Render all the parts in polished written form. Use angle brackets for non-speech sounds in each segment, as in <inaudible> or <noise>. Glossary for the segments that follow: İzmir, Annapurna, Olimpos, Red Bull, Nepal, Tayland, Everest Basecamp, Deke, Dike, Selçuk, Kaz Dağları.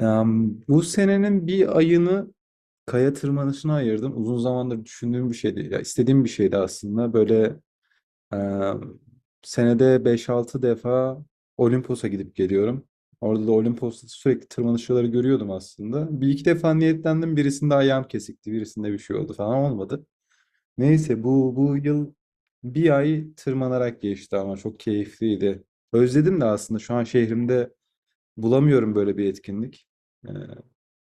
Bu senenin bir ayını kaya tırmanışına ayırdım. Uzun zamandır düşündüğüm bir şeydi. Ya istediğim bir şeydi aslında. Böyle em, senede 5-6 defa Olimpos'a gidip geliyorum. Orada da Olimpos'ta sürekli tırmanışçıları görüyordum aslında. Bir iki defa niyetlendim. Birisinde ayağım kesikti, birisinde bir şey oldu falan olmadı. Neyse bu yıl bir ay tırmanarak geçti ama çok keyifliydi. Özledim de aslında şu an şehrimde bulamıyorum böyle bir etkinlik,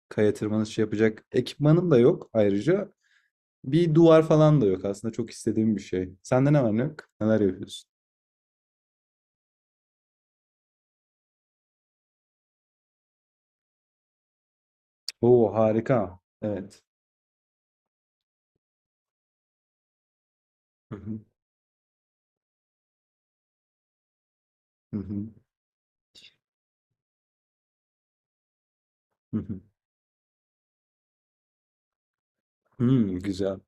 kaya tırmanışı yapacak ekipmanım da yok ayrıca. Bir duvar falan da yok, aslında çok istediğim bir şey. Sende ne var ne yok? Neler yapıyorsun? Oo, harika. Evet. Hı hı, hı hı, hı hı. Güzel.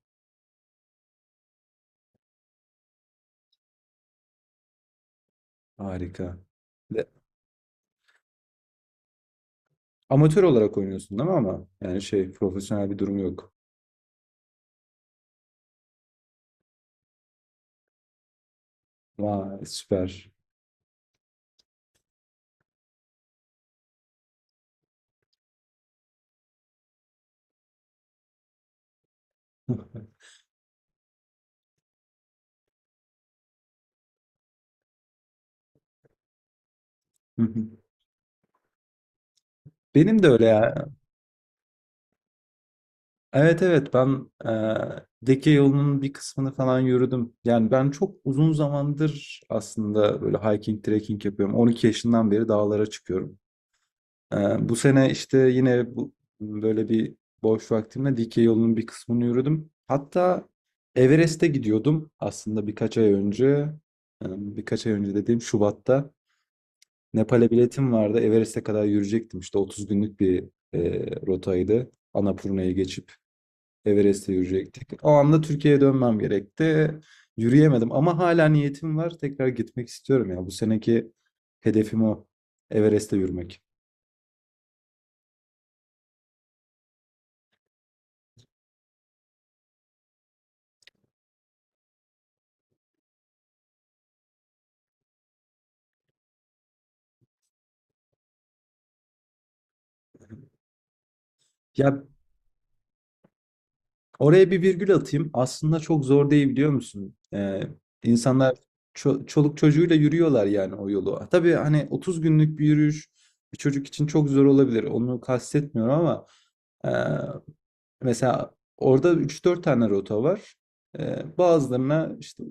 Harika. De- amatör olarak oynuyorsun değil mi ama? Yani şey, profesyonel bir durum yok. Vay, süper. <laughs> Hı hı. Benim de öyle ya. Evet evet ben Deke yolunun bir kısmını falan yürüdüm. Yani ben çok uzun zamandır aslında böyle hiking, trekking yapıyorum. 12 yaşından beri dağlara çıkıyorum. Bu sene işte yine bu, böyle bir boş vaktimle Dike yolunun bir kısmını yürüdüm. Hatta Everest'e gidiyordum aslında birkaç ay önce. Birkaç ay önce dediğim Şubat'ta. Nepal'e biletim vardı. Everest'e kadar yürüyecektim. İşte 30 günlük bir rotaydı. Annapurna'yı geçip Everest'e yürüyecektik. O anda Türkiye'ye dönmem gerekti. Yürüyemedim ama hala niyetim var. Tekrar gitmek istiyorum ya. Bu seneki hedefim o: Everest'e yürümek. Ya, oraya bir virgül atayım. Aslında çok zor değil, biliyor musun? İnsanlar çoluk çocuğuyla yürüyorlar yani o yolu. Ha, tabii hani 30 günlük bir yürüyüş bir çocuk için çok zor olabilir. Onu kastetmiyorum ama e, mesela orada üç dört tane rota var. Bazılarına işte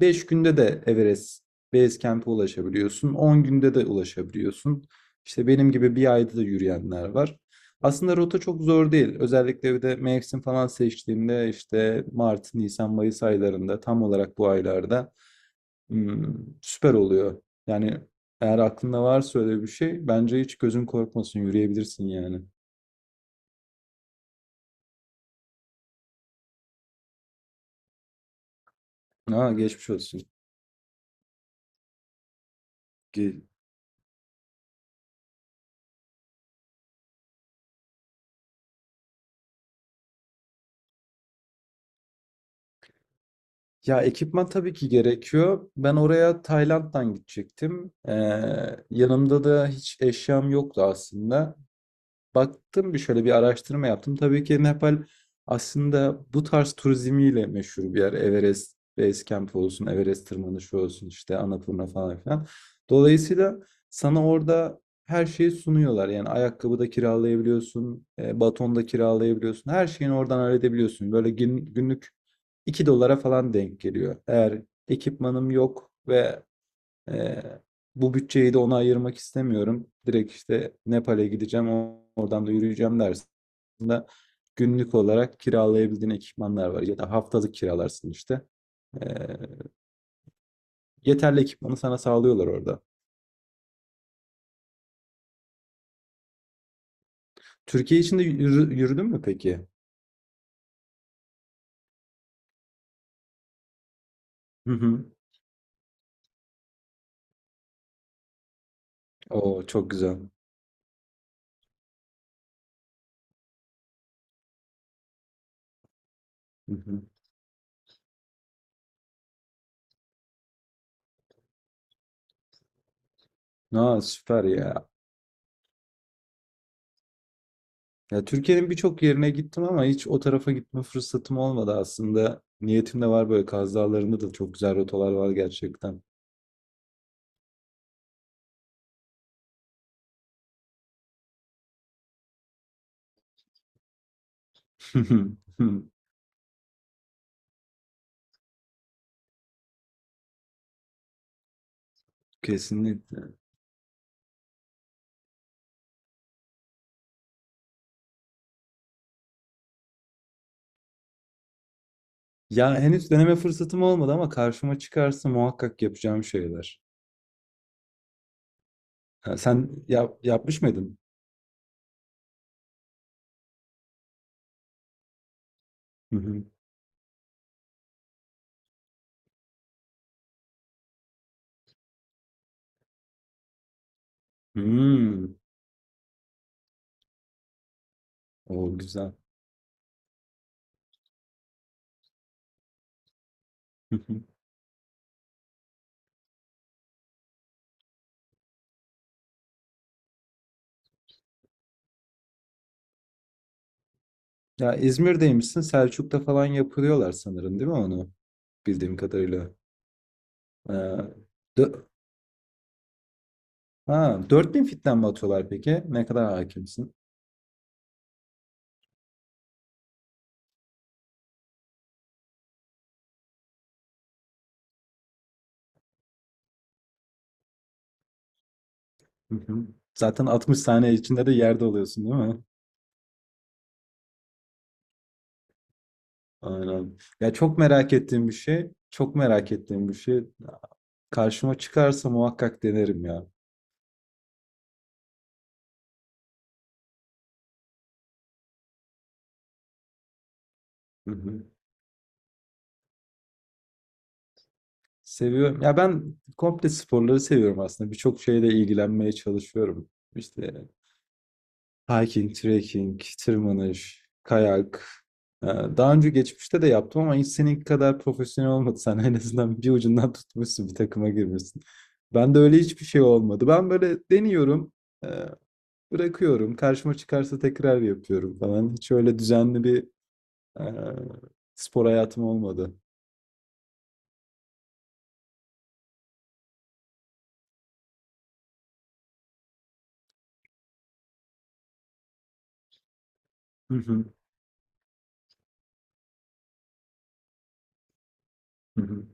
5 günde de Everest Basecamp'e ulaşabiliyorsun. 10 günde de ulaşabiliyorsun. İşte benim gibi bir ayda da yürüyenler var. Aslında rota çok zor değil. Özellikle bir de mevsim falan seçtiğinde, işte Mart, Nisan, Mayıs aylarında, tam olarak bu aylarda hmm, süper oluyor. Yani eğer aklında varsa öyle bir şey, bence hiç gözün korkmasın, yürüyebilirsin yani. Ha, geçmiş olsun. Ge- Ya, ekipman tabii ki gerekiyor. Ben oraya Tayland'dan gidecektim. Yanımda da hiç eşyam yoktu aslında, baktım, bir şöyle bir araştırma yaptım. Tabii ki Nepal aslında bu tarz turizmiyle meşhur bir yer. Everest Base Camp olsun, Everest tırmanışı olsun, işte Annapurna falan filan. Dolayısıyla sana orada her şeyi sunuyorlar. Yani ayakkabı da kiralayabiliyorsun, baton da kiralayabiliyorsun. Her şeyini oradan halledebiliyorsun. Böyle günlük 2 dolara falan denk geliyor. Eğer ekipmanım yok ve ee, bu bütçeyi de ona ayırmak istemiyorum, direkt işte Nepal'e gideceğim, oradan da yürüyeceğim dersin. Aslında günlük olarak kiralayabildiğin ekipmanlar var, ya da haftalık kiralarsın işte. Ee, yeterli ekipmanı sana sağlıyorlar orada. Türkiye içinde yürüdün mü peki? Hı hı. Oo, çok güzel. Hı hı. Aa, süper ya. Ya, Türkiye'nin birçok yerine gittim ama hiç o tarafa gitme fırsatım olmadı aslında. Niyetim de var, böyle Kaz Dağları'nda da çok güzel rotalar var gerçekten. <laughs> Kesinlikle. Ya henüz deneme fırsatım olmadı ama karşıma çıkarsa muhakkak yapacağım şeyler. Ha, sen yap, yapmış mıydın? Hı hı. Hmm, o güzel. Hı hı. Ya, İzmir'deymişsin. Selçuk'ta falan yapıyorlar sanırım, değil mi onu? Bildiğim kadarıyla. Ee, dö- ha, 4.000 fitten mi atıyorlar peki? Ne kadar hakimsin? Hı hı. Zaten 60 saniye içinde de yerde oluyorsun, değil mi? Aynen. Ya, çok merak ettiğim bir şey. Çok merak ettiğim bir şey. Karşıma çıkarsa muhakkak denerim ya. Hı hı. Seviyorum. Ya ben komple sporları seviyorum aslında. Birçok şeyle ilgilenmeye çalışıyorum. İşte hiking, trekking, tırmanış, kayak. Daha önce geçmişte de yaptım ama hiç seninki kadar profesyonel olmadı. Sen en azından bir ucundan tutmuşsun, bir takıma girmişsin. Ben de öyle, hiçbir şey olmadı. Ben böyle deniyorum, e, bırakıyorum. Karşıma çıkarsa tekrar yapıyorum falan. Hiç öyle düzenli bir e, spor hayatım olmadı. <laughs> Hı hı.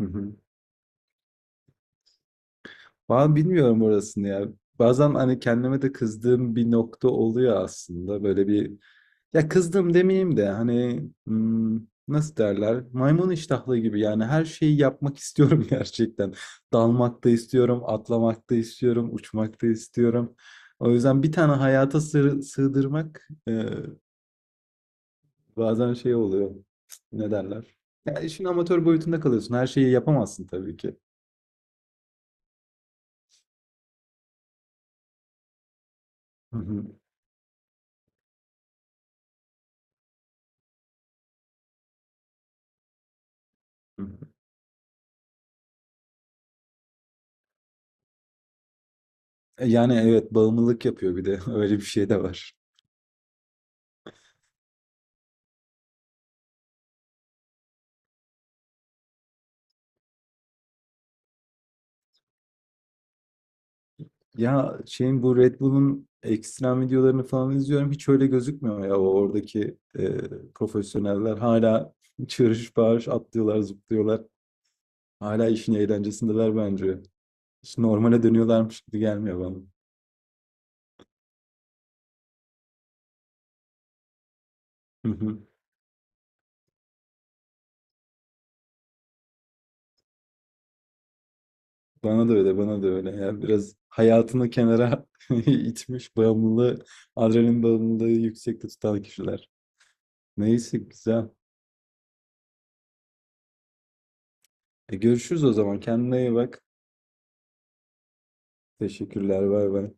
Hı hı. Ben bilmiyorum orasını ya. Bazen hani kendime de kızdığım bir nokta oluyor aslında. Böyle bir, ya kızdım demeyeyim de hani, nasıl derler? Maymun iştahlı gibi, yani her şeyi yapmak istiyorum <laughs> gerçekten. Dalmak da istiyorum, atlamak da istiyorum, uçmak da istiyorum. O yüzden bir tane hayata sığdırmak, bazen şey oluyor. Ne derler? Ya işin amatör boyutunda kalıyorsun. Her şeyi yapamazsın tabii ki. Hı hı. Hı. Yani evet, bağımlılık yapıyor bir de. <laughs> Öyle bir şey de var. Ya, şeyin, bu Red Bull'un ekstrem videolarını falan izliyorum. Hiç öyle gözükmüyor ya, o oradaki profesyoneller. Hala çığırış bağırış atlıyorlar, zıplıyorlar. Hala işin eğlencesindeler bence. Hiç normale dönüyorlarmış gibi gelmiyor bana. Hı hı. Bana da öyle, bana da öyle. Ya biraz hayatını kenara <laughs> itmiş, bağımlılığı, adrenalin bağımlılığı yüksekte tutan kişiler. Neyse, güzel. Görüşürüz o zaman. Kendine iyi bak. Teşekkürler. Bay bay.